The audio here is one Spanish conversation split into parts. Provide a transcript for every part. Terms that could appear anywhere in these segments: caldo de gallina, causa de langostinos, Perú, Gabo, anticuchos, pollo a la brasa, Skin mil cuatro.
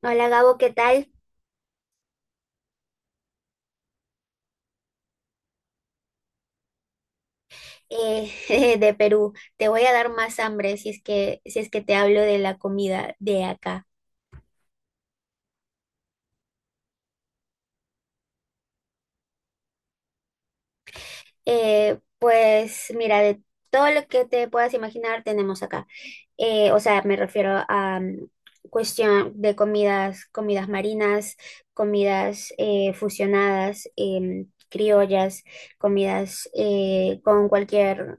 Hola Gabo, ¿qué tal? Eh, de Perú. Te voy a dar más hambre si es que te hablo de la comida de acá. Pues mira, de todo lo que te puedas imaginar tenemos acá. O sea, me refiero a cuestión de comidas, comidas marinas, comidas fusionadas, criollas, comidas con cualquier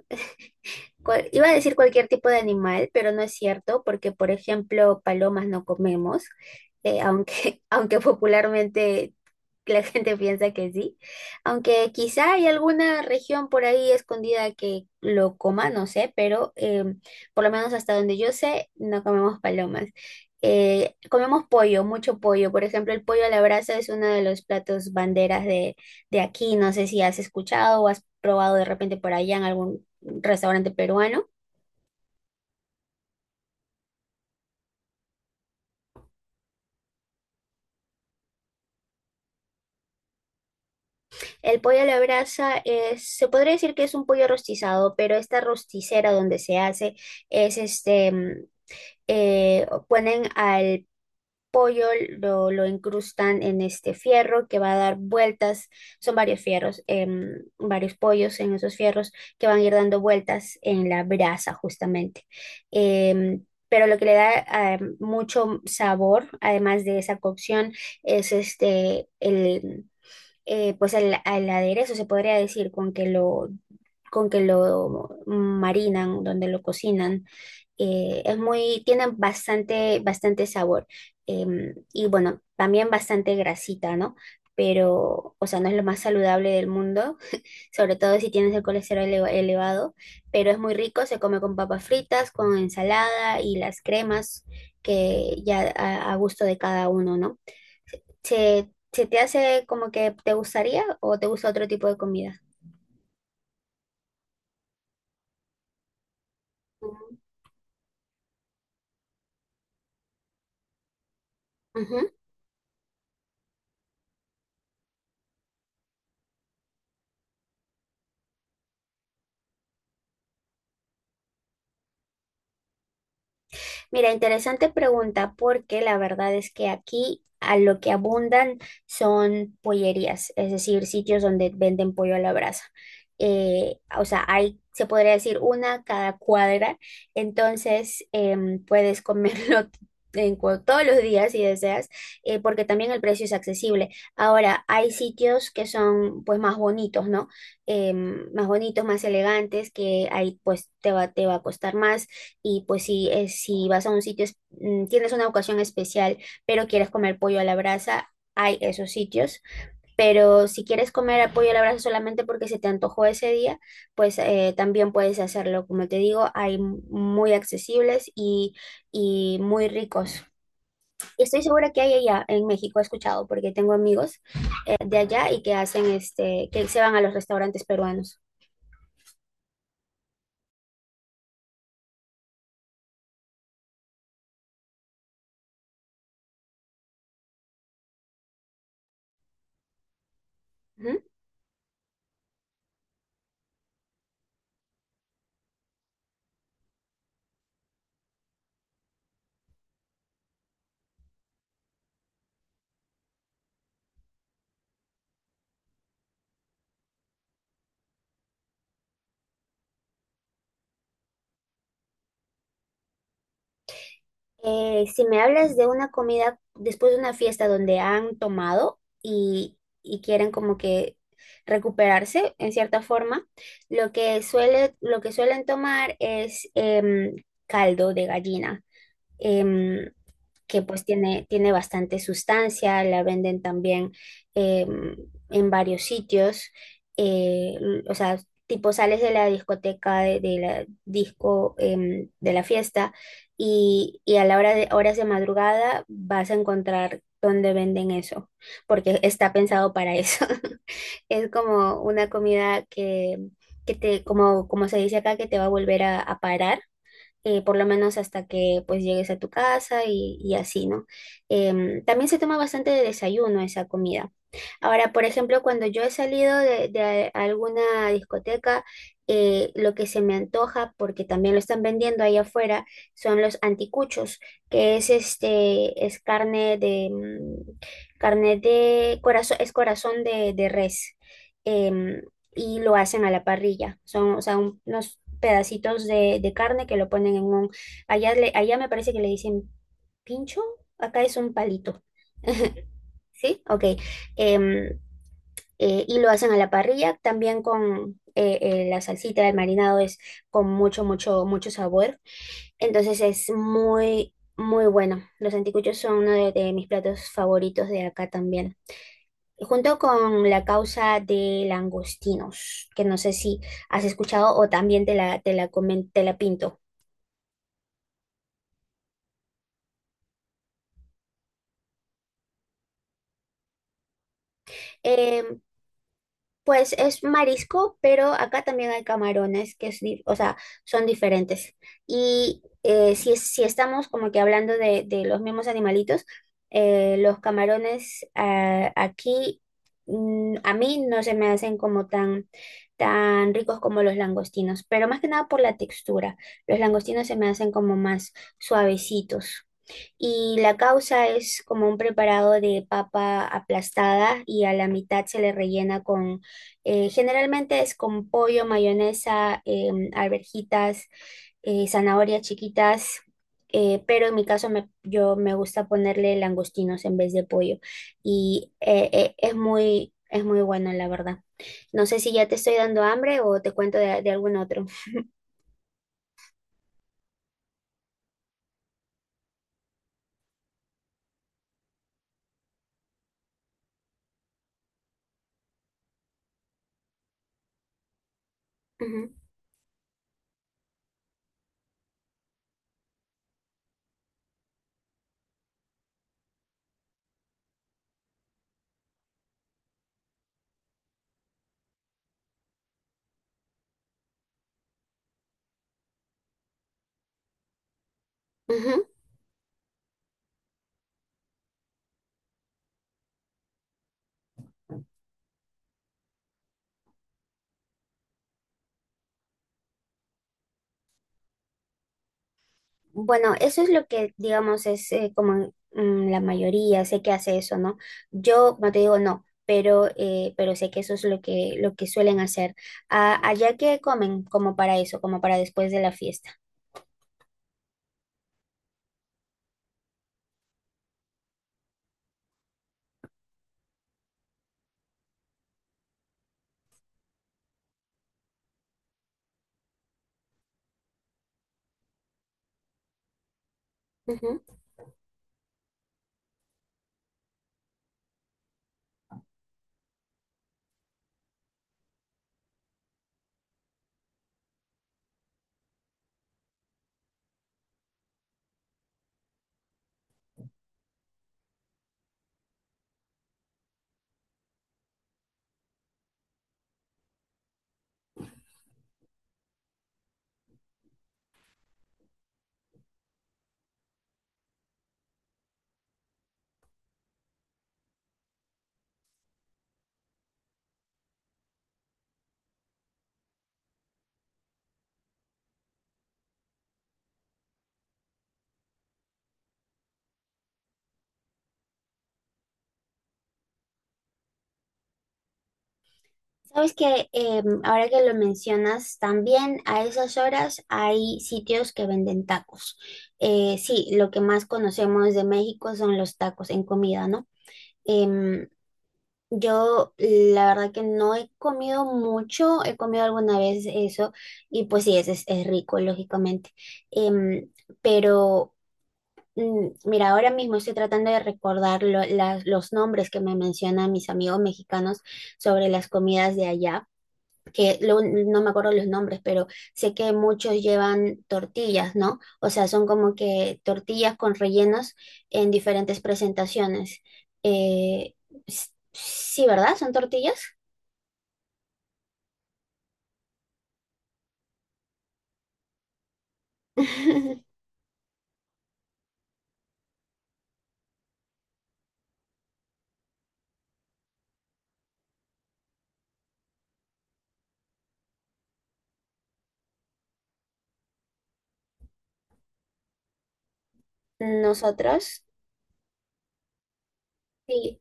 cual- iba a decir cualquier tipo de animal, pero no es cierto, porque por ejemplo, palomas no comemos, aunque popularmente la gente piensa que sí, aunque quizá hay alguna región por ahí escondida que lo coma, no sé, pero por lo menos hasta donde yo sé, no comemos palomas. Comemos pollo, mucho pollo. Por ejemplo, el pollo a la brasa es uno de los platos banderas de aquí. No sé si has escuchado o has probado de repente por allá en algún restaurante peruano. El pollo a la brasa es, se podría decir que es un pollo rostizado, pero esta rosticera donde se hace es este, ponen al pollo, lo incrustan en este fierro que va a dar vueltas, son varios fierros, varios pollos en esos fierros que van a ir dando vueltas en la brasa justamente. Pero lo que le da mucho sabor, además de esa cocción, es este, pues al aderezo se podría decir con que lo marinan, donde lo cocinan. Tienen bastante, bastante sabor. Y bueno, también bastante grasita, ¿no? Pero, o sea, no es lo más saludable del mundo, sobre todo si tienes el colesterol elevado, pero es muy rico, se come con papas fritas, con ensalada y las cremas que ya a gusto de cada uno, ¿no? ¿Se te hace como que te gustaría o te gusta otro tipo de comida? Ujú. Ujú. Mira, interesante pregunta, porque la verdad es que aquí a lo que abundan son pollerías, es decir, sitios donde venden pollo a la brasa. O sea, hay, se podría decir, una cada cuadra. Entonces puedes comerlo todos los días si deseas, porque también el precio es accesible. Ahora, hay sitios que son pues más bonitos, ¿no? Más bonitos, más elegantes, que ahí pues te va a costar más, y pues si vas a un sitio, tienes una ocasión especial, pero quieres comer pollo a la brasa, hay esos sitios. Pero si quieres comer pollo a la brasa solamente porque se te antojó ese día, pues también puedes hacerlo. Como te digo, hay muy accesibles y muy ricos. Estoy segura que hay allá en México, he escuchado, porque tengo amigos de allá y que hacen este, que se van a los restaurantes peruanos. Ujú. Si me hablas de una comida después de una fiesta donde han tomado y quieren como que recuperarse en cierta forma, lo que suelen tomar es caldo de gallina. Em, que pues tiene bastante sustancia. La venden también eh, en varios sitios. Eh, o sea, tipo sales de la discoteca, de la disco, de la fiesta, y a la hora de horas de madrugada vas a encontrar donde venden eso, porque está pensado para eso. Es como una comida que te, como se dice acá, que te va a volver a parar por lo menos hasta que pues llegues a tu casa y así, ¿no? También se toma bastante de desayuno esa comida. Ahora, por ejemplo, cuando yo he salido de alguna discoteca, lo que se me antoja, porque también lo están vendiendo ahí afuera, son los anticuchos, que es este, es carne de corazón, es corazón de res. em, y lo hacen a la parrilla. Son, o sea, unos pedacitos de carne que lo ponen en un. Allá me parece que le dicen pincho, acá es un palito. ¿Sí? Ok. Em, y lo hacen a la parrilla, también con la salsita, el marinado es con mucho, mucho, mucho sabor. Entonces es muy, muy bueno. Los anticuchos son uno de mis platos favoritos de acá también. Junto con la causa de langostinos, que no sé si has escuchado o también te la pinto. Eh, Pues es marisco, pero acá también hay camarones o sea, son diferentes. Y si estamos como que hablando de los mismos animalitos, los camarones aquí, a mí no se me hacen como tan, tan ricos como los langostinos, pero más que nada por la textura. Los langostinos se me hacen como más suavecitos, y la causa es como un preparado de papa aplastada y a la mitad se le rellena con, generalmente es con pollo, mayonesa, alverjitas, zanahorias chiquitas, pero en mi caso yo me gusta ponerle langostinos en vez de pollo y es muy bueno, la verdad. No sé si ya te estoy dando hambre o te cuento de algún otro. Ujú, ujú. Bueno, eso es lo que, digamos, es como la mayoría, sé que hace eso, ¿no? Yo, no te digo no, pero sé que eso es lo que, suelen hacer. Ah, allá que comen como para eso, como para después de la fiesta. Ujú. Sabes que ahora que lo mencionas, también a esas horas hay sitios que venden tacos. Sí, lo que más conocemos de México son los tacos en comida, ¿no? Em, yo la verdad que no he comido mucho, he comido alguna vez eso y pues sí, es rico, lógicamente. Em, pero mira, ahora mismo estoy tratando de recordar los nombres que me mencionan mis amigos mexicanos sobre las comidas de allá que no me acuerdo los nombres, pero sé que muchos llevan tortillas, ¿no? O sea, son como que tortillas con rellenos en diferentes presentaciones. Eh, sí, ¿verdad? ¿Son tortillas? Nosotros, sí.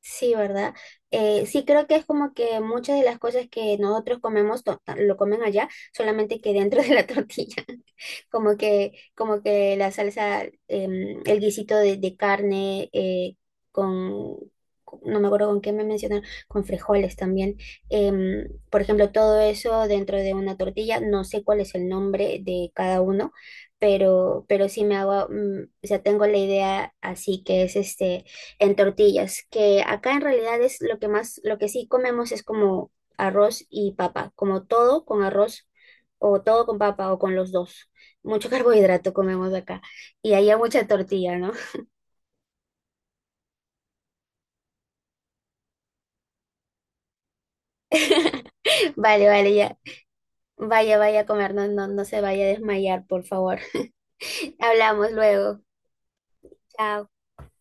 Sí, ¿verdad? Sí, creo que es como que muchas de las cosas que nosotros comemos lo comen allá, solamente que dentro de la tortilla, como que, la salsa, el guisito de carne con, no me acuerdo con qué me mencionaron, con frijoles también. Por ejemplo, todo eso dentro de una tortilla, no sé cuál es el nombre de cada uno, pero sí me hago, o sea, tengo la idea así que es este en tortillas, que acá en realidad es lo que sí comemos es como arroz y papa, como todo con arroz o todo con papa o con los dos. Mucho carbohidrato comemos acá y allá mucha tortilla, ¿no? Vale, vale, ya. Vaya, vaya a comer, no, no, no se vaya a desmayar, por favor. Hablamos luego. Chao.